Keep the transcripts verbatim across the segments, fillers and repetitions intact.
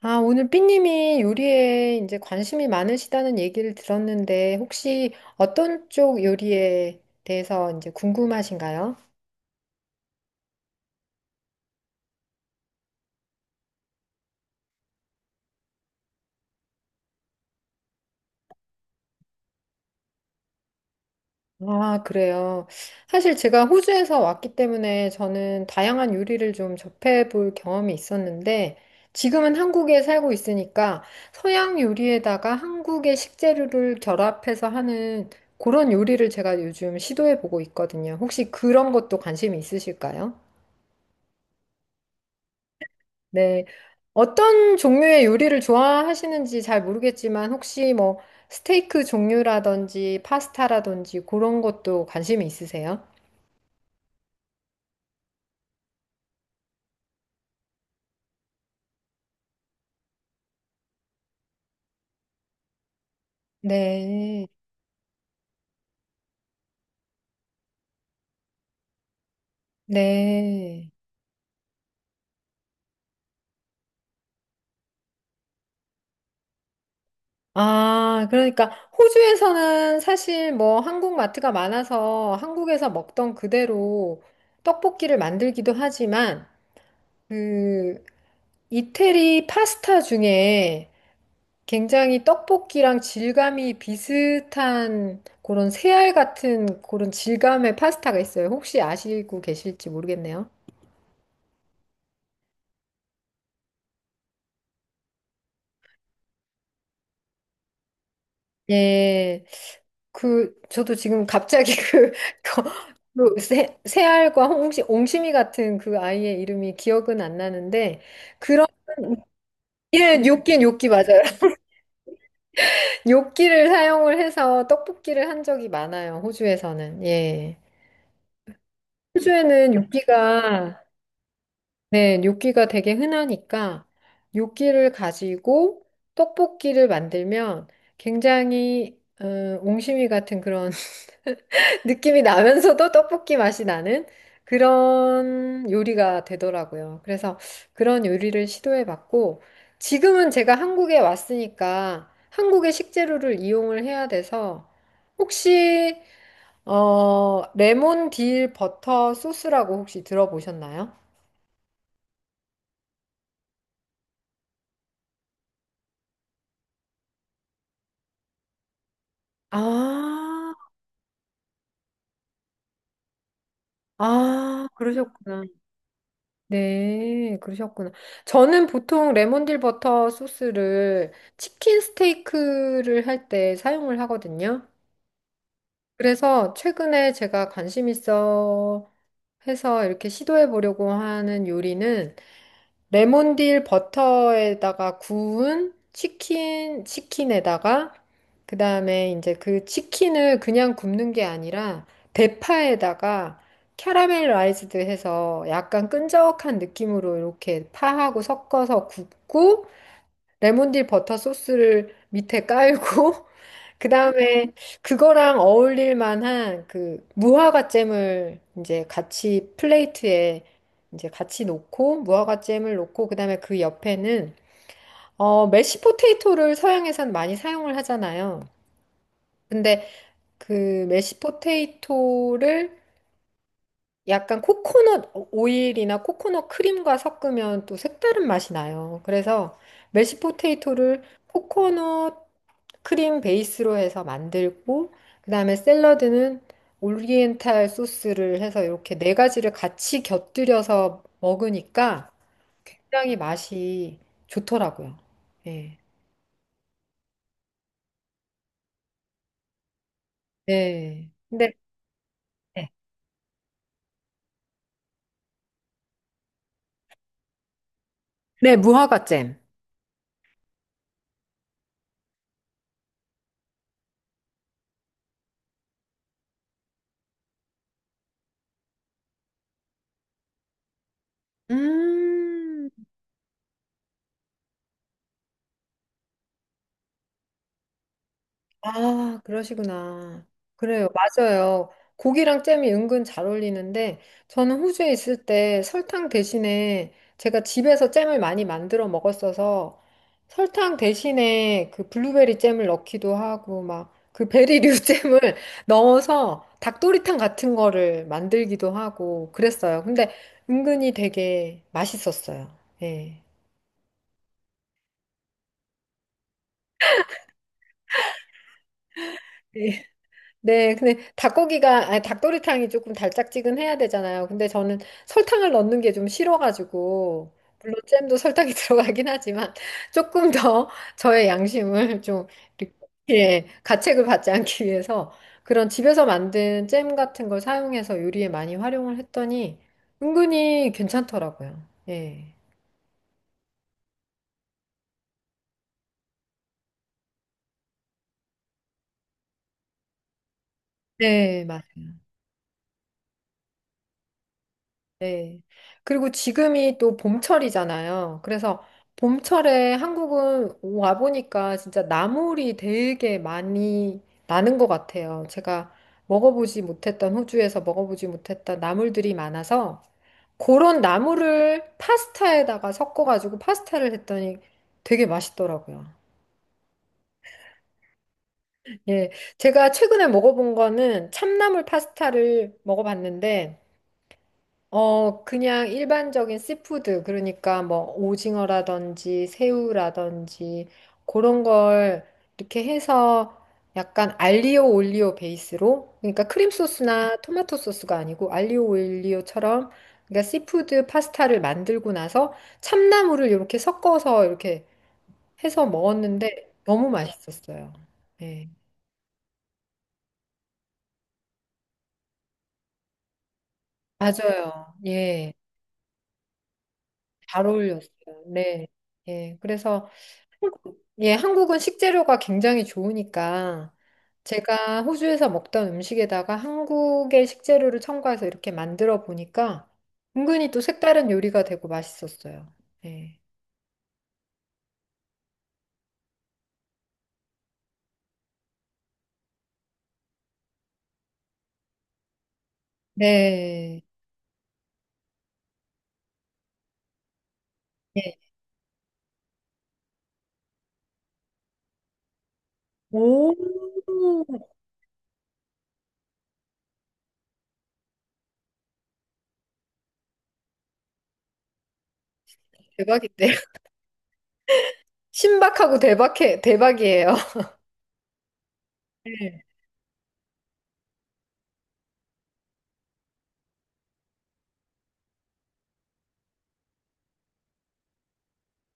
아, 오늘 삐님이 요리에 이제 관심이 많으시다는 얘기를 들었는데, 혹시 어떤 쪽 요리에 대해서 이제 궁금하신가요? 아, 그래요. 사실 제가 호주에서 왔기 때문에 저는 다양한 요리를 좀 접해볼 경험이 있었는데, 지금은 한국에 살고 있으니까 서양 요리에다가 한국의 식재료를 결합해서 하는 그런 요리를 제가 요즘 시도해보고 있거든요. 혹시 그런 것도 관심이 있으실까요? 네. 어떤 종류의 요리를 좋아하시는지 잘 모르겠지만 혹시 뭐 스테이크 종류라든지 파스타라든지 그런 것도 관심이 있으세요? 네. 네. 아, 그러니까 호주에서는 사실 뭐 한국 마트가 많아서 한국에서 먹던 그대로 떡볶이를 만들기도 하지만 그 이태리 파스타 중에 굉장히 떡볶이랑 질감이 비슷한 그런 새알 같은 그런 질감의 파스타가 있어요. 혹시 아시고 계실지 모르겠네요. 예. 그 저도 지금 갑자기 그, 거- 그 새, 새알과 홍시, 옹심이 같은 그 아이의 이름이 기억은 안 나는데 그런, 예, 요끼 요끼 맞아요. 요끼를 사용을 해서 떡볶이를 한 적이 많아요. 호주에서는. 예. 호주에는 요끼가, 네, 요끼가 되게 흔하니까 요끼를 가지고 떡볶이를 만들면 굉장히 음, 옹심이 같은 그런 느낌이 나면서도 떡볶이 맛이 나는 그런 요리가 되더라고요. 그래서 그런 요리를 시도해봤고 지금은 제가 한국에 왔으니까 한국의 식재료를 이용을 해야 돼서 혹시 어, 레몬 딜 버터 소스라고 혹시 들어보셨나요? 아, 아, 그러셨구나. 네, 그러셨구나. 저는 보통 레몬딜 버터 소스를 치킨 스테이크를 할 때 사용을 하거든요. 그래서 최근에 제가 관심 있어 해서 이렇게 시도해 보려고 하는 요리는 레몬딜 버터에다가 구운 치킨, 치킨에다가, 그 다음에 이제 그 치킨을 그냥 굽는 게 아니라, 대파에다가 캐러멜라이즈드 해서 약간 끈적한 느낌으로 이렇게 파하고 섞어서 굽고, 레몬딜 버터 소스를 밑에 깔고 그다음에 그거랑 어울릴 만한 그 무화과 잼을 이제 같이 플레이트에 이제 같이 놓고 무화과 잼을 놓고 그다음에 그 옆에는 어 메시 포테이토를 서양에선 많이 사용을 하잖아요. 근데 그 메시 포테이토를 약간 코코넛 오일이나 코코넛 크림과 섞으면 또 색다른 맛이 나요. 그래서 메시 포테이토를 코코넛 크림 베이스로 해서 만들고 그다음에 샐러드는 오리엔탈 소스를 해서 이렇게 네 가지를 같이 곁들여서 먹으니까 굉장히 맛이 좋더라고요. 네. 네. 근데 네. 네, 무화과 잼. 음. 아, 그러시구나. 그래요, 맞아요. 고기랑 잼이 은근 잘 어울리는데, 저는 호주에 있을 때 설탕 대신에 제가 집에서 잼을 많이 만들어 먹었어서 설탕 대신에 그 블루베리 잼을 넣기도 하고, 막 그 베리류 잼을 넣어서 닭도리탕 같은 거를 만들기도 하고 그랬어요. 근데 은근히 되게 맛있었어요. 예. 네, 근데 닭고기가, 아니, 닭도리탕이 조금 달짝지근해야 되잖아요. 근데 저는 설탕을 넣는 게 좀 싫어가지고, 물론 잼도 설탕이 들어가긴 하지만, 조금 더 저의 양심을 좀, 이렇게, 예, 가책을 받지 않기 위해서 그런 집에서 만든 잼 같은 걸 사용해서 요리에 많이 활용을 했더니, 은근히 괜찮더라고요. 예. 네, 맞아요. 네. 그리고 지금이 또 봄철이잖아요. 그래서 봄철에 한국은 와보니까 진짜 나물이 되게 많이 나는 것 같아요. 제가 먹어보지 못했던, 호주에서 먹어보지 못했던 나물들이 많아서 그런 나물을 파스타에다가 섞어가지고 파스타를 했더니 되게 맛있더라고요. 예. 제가 최근에 먹어본 거는 참나물 파스타를 먹어봤는데 어, 그냥 일반적인 씨푸드, 그러니까 뭐 오징어라든지 새우라든지 그런 걸 이렇게 해서 약간 알리오 올리오 베이스로, 그러니까 크림 소스나 토마토 소스가 아니고 알리오 올리오처럼, 그러니까 씨푸드 파스타를 만들고 나서 참나물을 이렇게 섞어서 이렇게 해서 먹었는데 너무 맛있었어요. 네, 맞아요. 예, 잘 어울렸어요. 네, 예, 그래서, 예, 한국은 식재료가 굉장히 좋으니까 제가 호주에서 먹던 음식에다가 한국의 식재료를 첨가해서 이렇게 만들어 보니까 은근히 또 색다른 요리가 되고 맛있었어요. 네. 네. 예. 오, 대박인데요? 신박하고 대박해, 대박이에요. 네.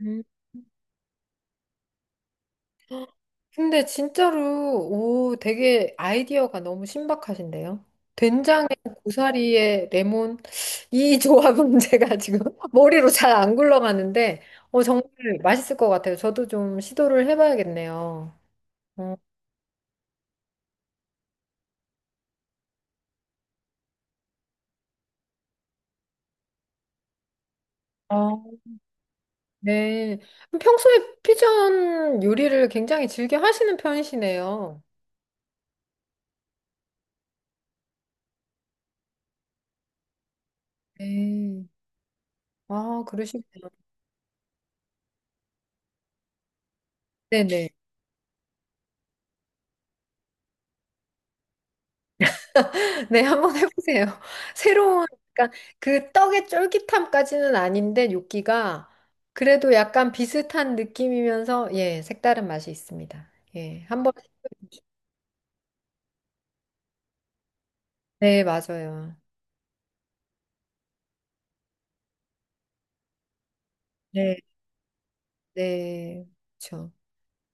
음. 근데 진짜로, 오, 되게 아이디어가 너무 신박하신데요? 된장에 고사리에 레몬, 이 조합은 제가 지금 머리로 잘 안 굴러가는데, 어, 정말 맛있을 것 같아요. 저도 좀 시도를 해봐야겠네요. 어, 아, 네. 그럼 평소에 퓨전 요리를 굉장히 즐겨 하시는 편이시네요. 네. 아, 그러시구나. 네네. 네, 한 번 해보세요. 새로운, 그러니까 그 떡의 쫄깃함까지는 아닌데, 요끼가 그래도 약간 비슷한 느낌이면서, 예, 색다른 맛이 있습니다. 예, 한번, 네, 맞아요. 네, 네, 그렇죠.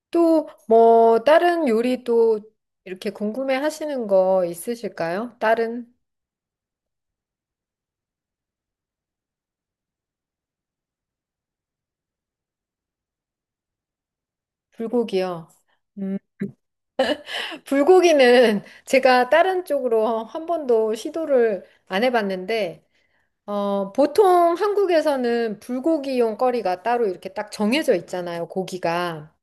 또, 뭐, 다른 요리 또 이렇게 궁금해 하시는 거 있으실까요? 다른 불고기요. 음, 불고기는 제가 다른 쪽으로 한 번도 시도를 안 해봤는데, 어, 보통 한국에서는 불고기용 거리가 따로 이렇게 딱 정해져 있잖아요, 고기가.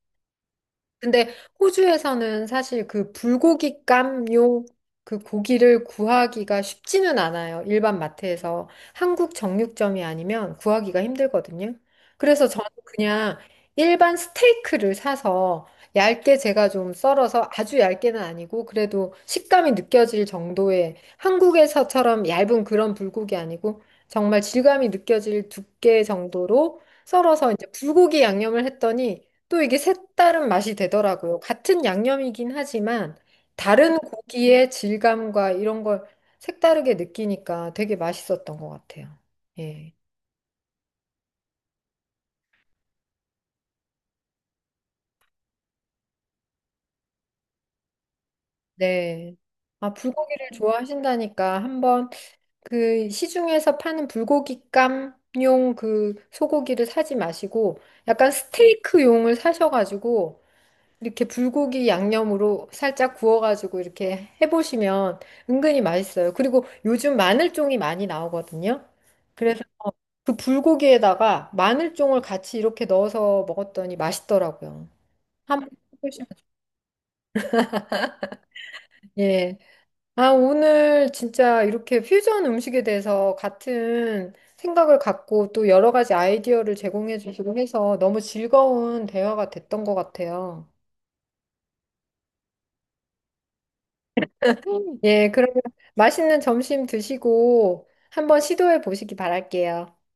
근데 호주에서는 사실 그 불고기 깜요, 그 고기를 구하기가 쉽지는 않아요. 일반 마트에서 한국 정육점이 아니면 구하기가 힘들거든요. 그래서 저는 그냥 일반 스테이크를 사서 얇게 제가 좀 썰어서 아주 얇게는 아니고 그래도 식감이 느껴질 정도의 한국에서처럼 얇은 그런 불고기 아니고 정말 질감이 느껴질 두께 정도로 썰어서 이제 불고기 양념을 했더니 또 이게 색다른 맛이 되더라고요. 같은 양념이긴 하지만 다른 고기의 질감과 이런 걸 색다르게 느끼니까 되게 맛있었던 것 같아요. 예. 네. 아, 불고기를 좋아하신다니까 한번 그 시중에서 파는 불고기감용 그 소고기를 사지 마시고 약간 스테이크용을 사셔가지고 이렇게 불고기 양념으로 살짝 구워가지고 이렇게 해보시면 은근히 맛있어요. 그리고 요즘 마늘종이 많이 나오거든요. 그래서 그 불고기에다가 마늘종을 같이 이렇게 넣어서 먹었더니 맛있더라고요. 한번 해보시면 돼요. 예. 아, 오늘 진짜 이렇게 퓨전 음식에 대해서 같은 생각을 갖고 또 여러 가지 아이디어를 제공해 주시고 해서 너무 즐거운 대화가 됐던 것 같아요. 예, 그러면 맛있는 점심 드시고 한번 시도해 보시기 바랄게요.